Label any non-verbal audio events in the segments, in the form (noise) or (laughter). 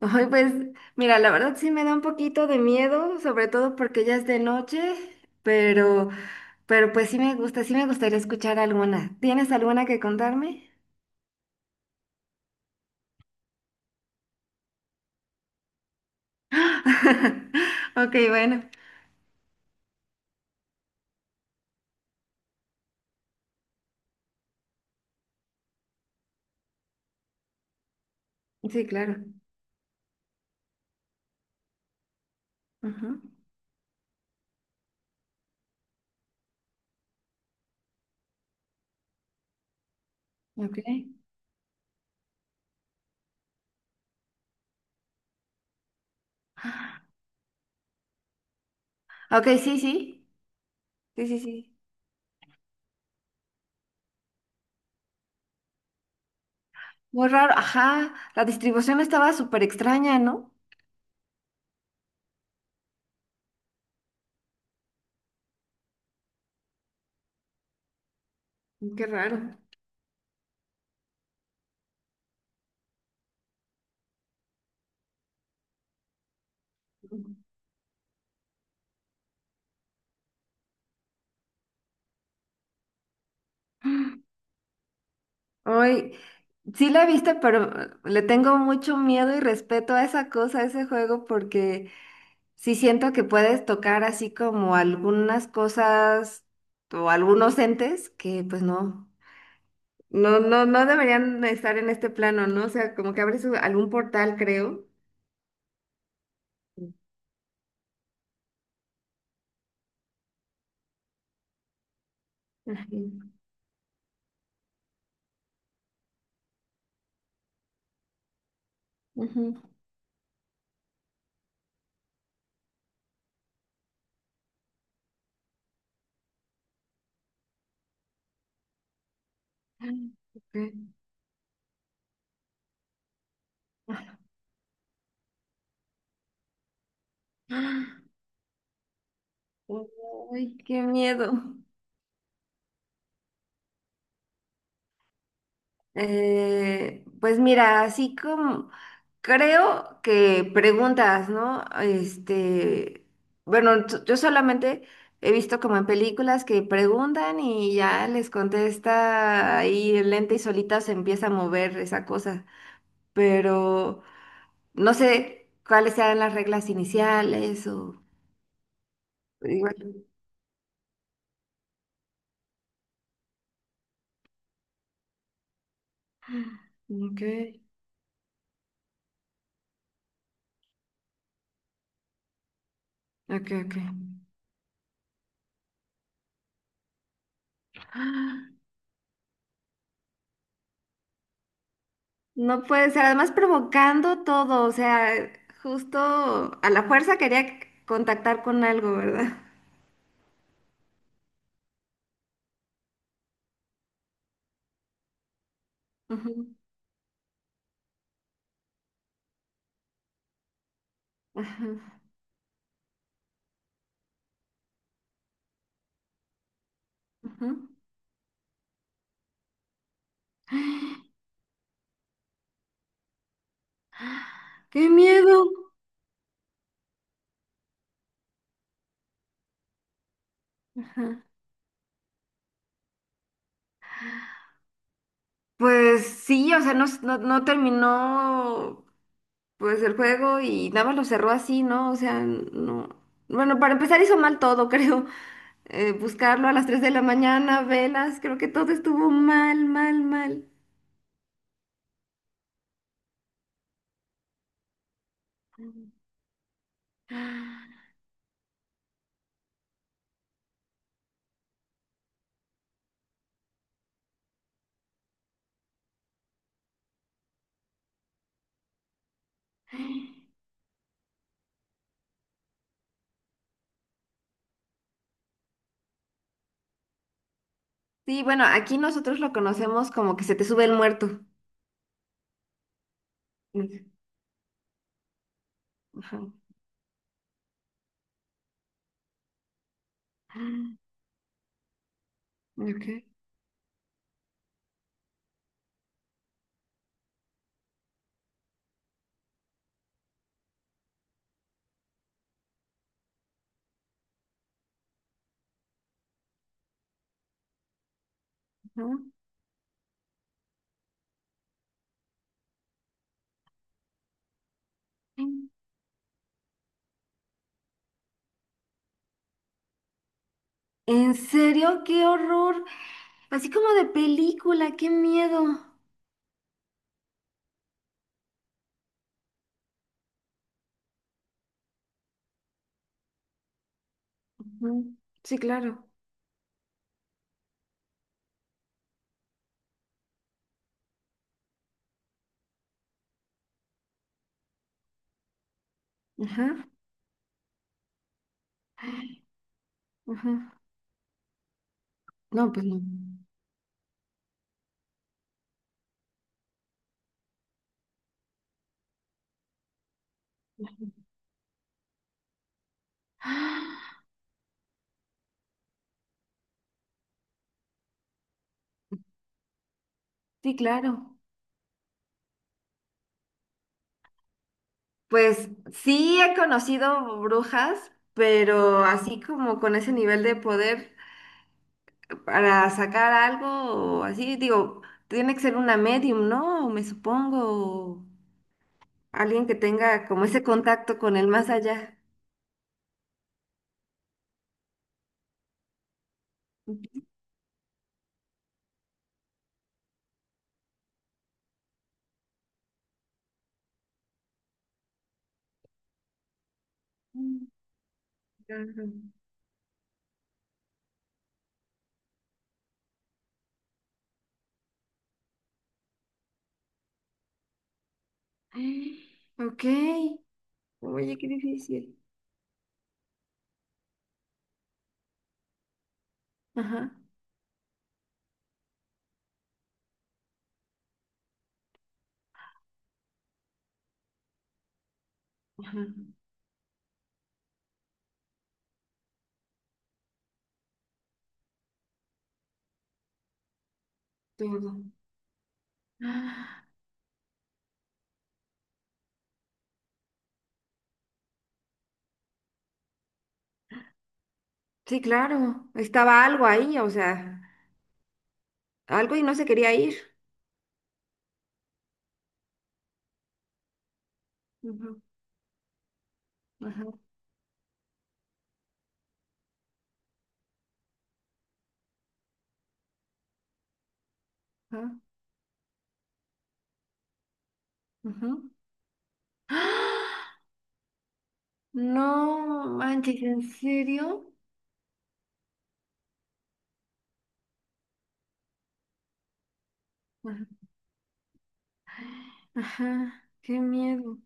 Ay, pues mira, la verdad sí me da un poquito de miedo, sobre todo porque ya es de noche, pero, pero pues sí me gusta, sí me gustaría escuchar alguna. ¿Tienes alguna que contarme? (laughs) Ok, bueno. Sí, claro. Ujú. Ok. Ok, sí, sí. Sí, sí, sí. Muy raro. Ajá, la distribución estaba súper extraña, ¿no? Qué raro. Hoy sí la viste, pero le tengo mucho miedo y respeto a esa cosa, a ese juego, porque sí siento que puedes tocar así como algunas cosas o algunos entes que pues no, no deberían estar en este plano, ¿no? O sea, como que abres algún portal, creo. Sí. Ajá. Ujú. (gasps) Ah, ok. Ay, qué miedo. Pues mira, así como creo que preguntas, ¿no? Este, bueno, yo solamente he visto como en películas que preguntan y ya les contesta ahí lenta y solita se empieza a mover esa cosa, pero no sé cuáles sean las reglas iniciales o igual. Ok, ok, ok. No puede ser, además provocando todo, o sea, justo a la fuerza quería contactar con algo, ¿verdad? Ujú, ajá, ajá. ¡Qué miedo! Ajá. Pues sí, o sea, no, no, no terminó pues el juego y nada más lo cerró así, ¿no? O sea, no. Bueno, para empezar hizo mal todo, (laughs) creo. Buscarlo a las 3 de la mañana, velas, creo que todo estuvo mal, mal, mal. Sí, bueno, aquí nosotros lo conocemos como que se te sube el muerto. Ajá. Ok. Ajá. ¿En serio? ¡Qué horror! Así como de película, qué miedo. Ujú. Sí, claro. Ajá. Ajá. No, pues no. Sí, claro. Pues sí he conocido brujas, pero así como con ese nivel de poder, para sacar algo o así, digo, tiene que ser una medium, ¿no? Me supongo, o alguien que tenga como ese contacto con el más allá. Mm, claro. (gasps) Ok, oye, qué difícil. Ajá, ajá, todo. Ah. Sí, claro, estaba algo ahí, o sea, algo y no se quería ir. Ujú, ajá, ajá, ujú. ¡Ah! No manches, ¿en serio? Ajá, ajá, qué miedo.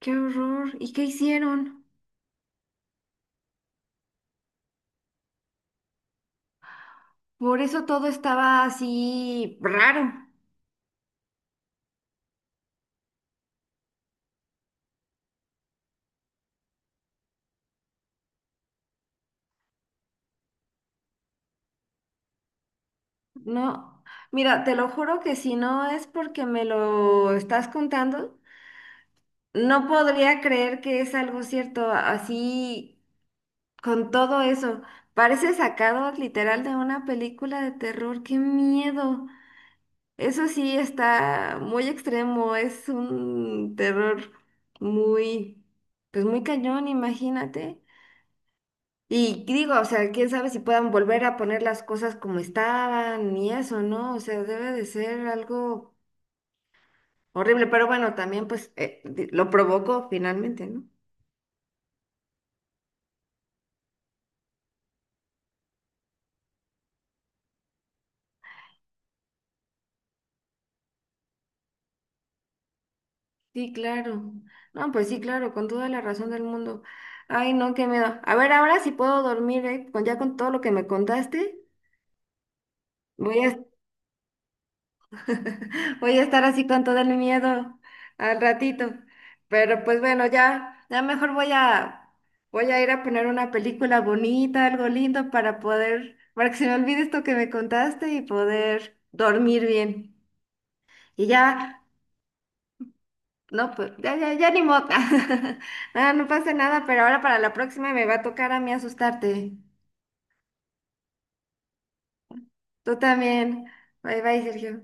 Qué horror. ¿Y qué hicieron? Por eso todo estaba así raro, ¿no? Mira, te lo juro que si no es porque me lo estás contando, no podría creer que es algo cierto así con todo eso. Parece sacado literal de una película de terror. ¡Qué miedo! Eso sí está muy extremo, es un terror muy, pues muy cañón, imagínate. Y digo, o sea, quién sabe si puedan volver a poner las cosas como estaban y eso, ¿no? O sea, debe de ser algo horrible, pero bueno, también pues lo provocó finalmente, ¿no? Sí, claro. No, pues sí, claro, con toda la razón del mundo. Ay, no, qué miedo. A ver, ahora sí puedo dormir, ¿eh? Con, ya con todo lo que me contaste, voy a (laughs) voy a estar así con todo el miedo al ratito. Pero pues bueno, ya, ya mejor voy a, voy a ir a poner una película bonita, algo lindo para poder, para que se me olvide esto que me contaste y poder dormir bien. Y ya, no, pues ya, ya, ya ni modo. (laughs) Nada, no pasa nada, pero ahora para la próxima me va a tocar a mí asustarte. Tú también. Bye bye, Sergio.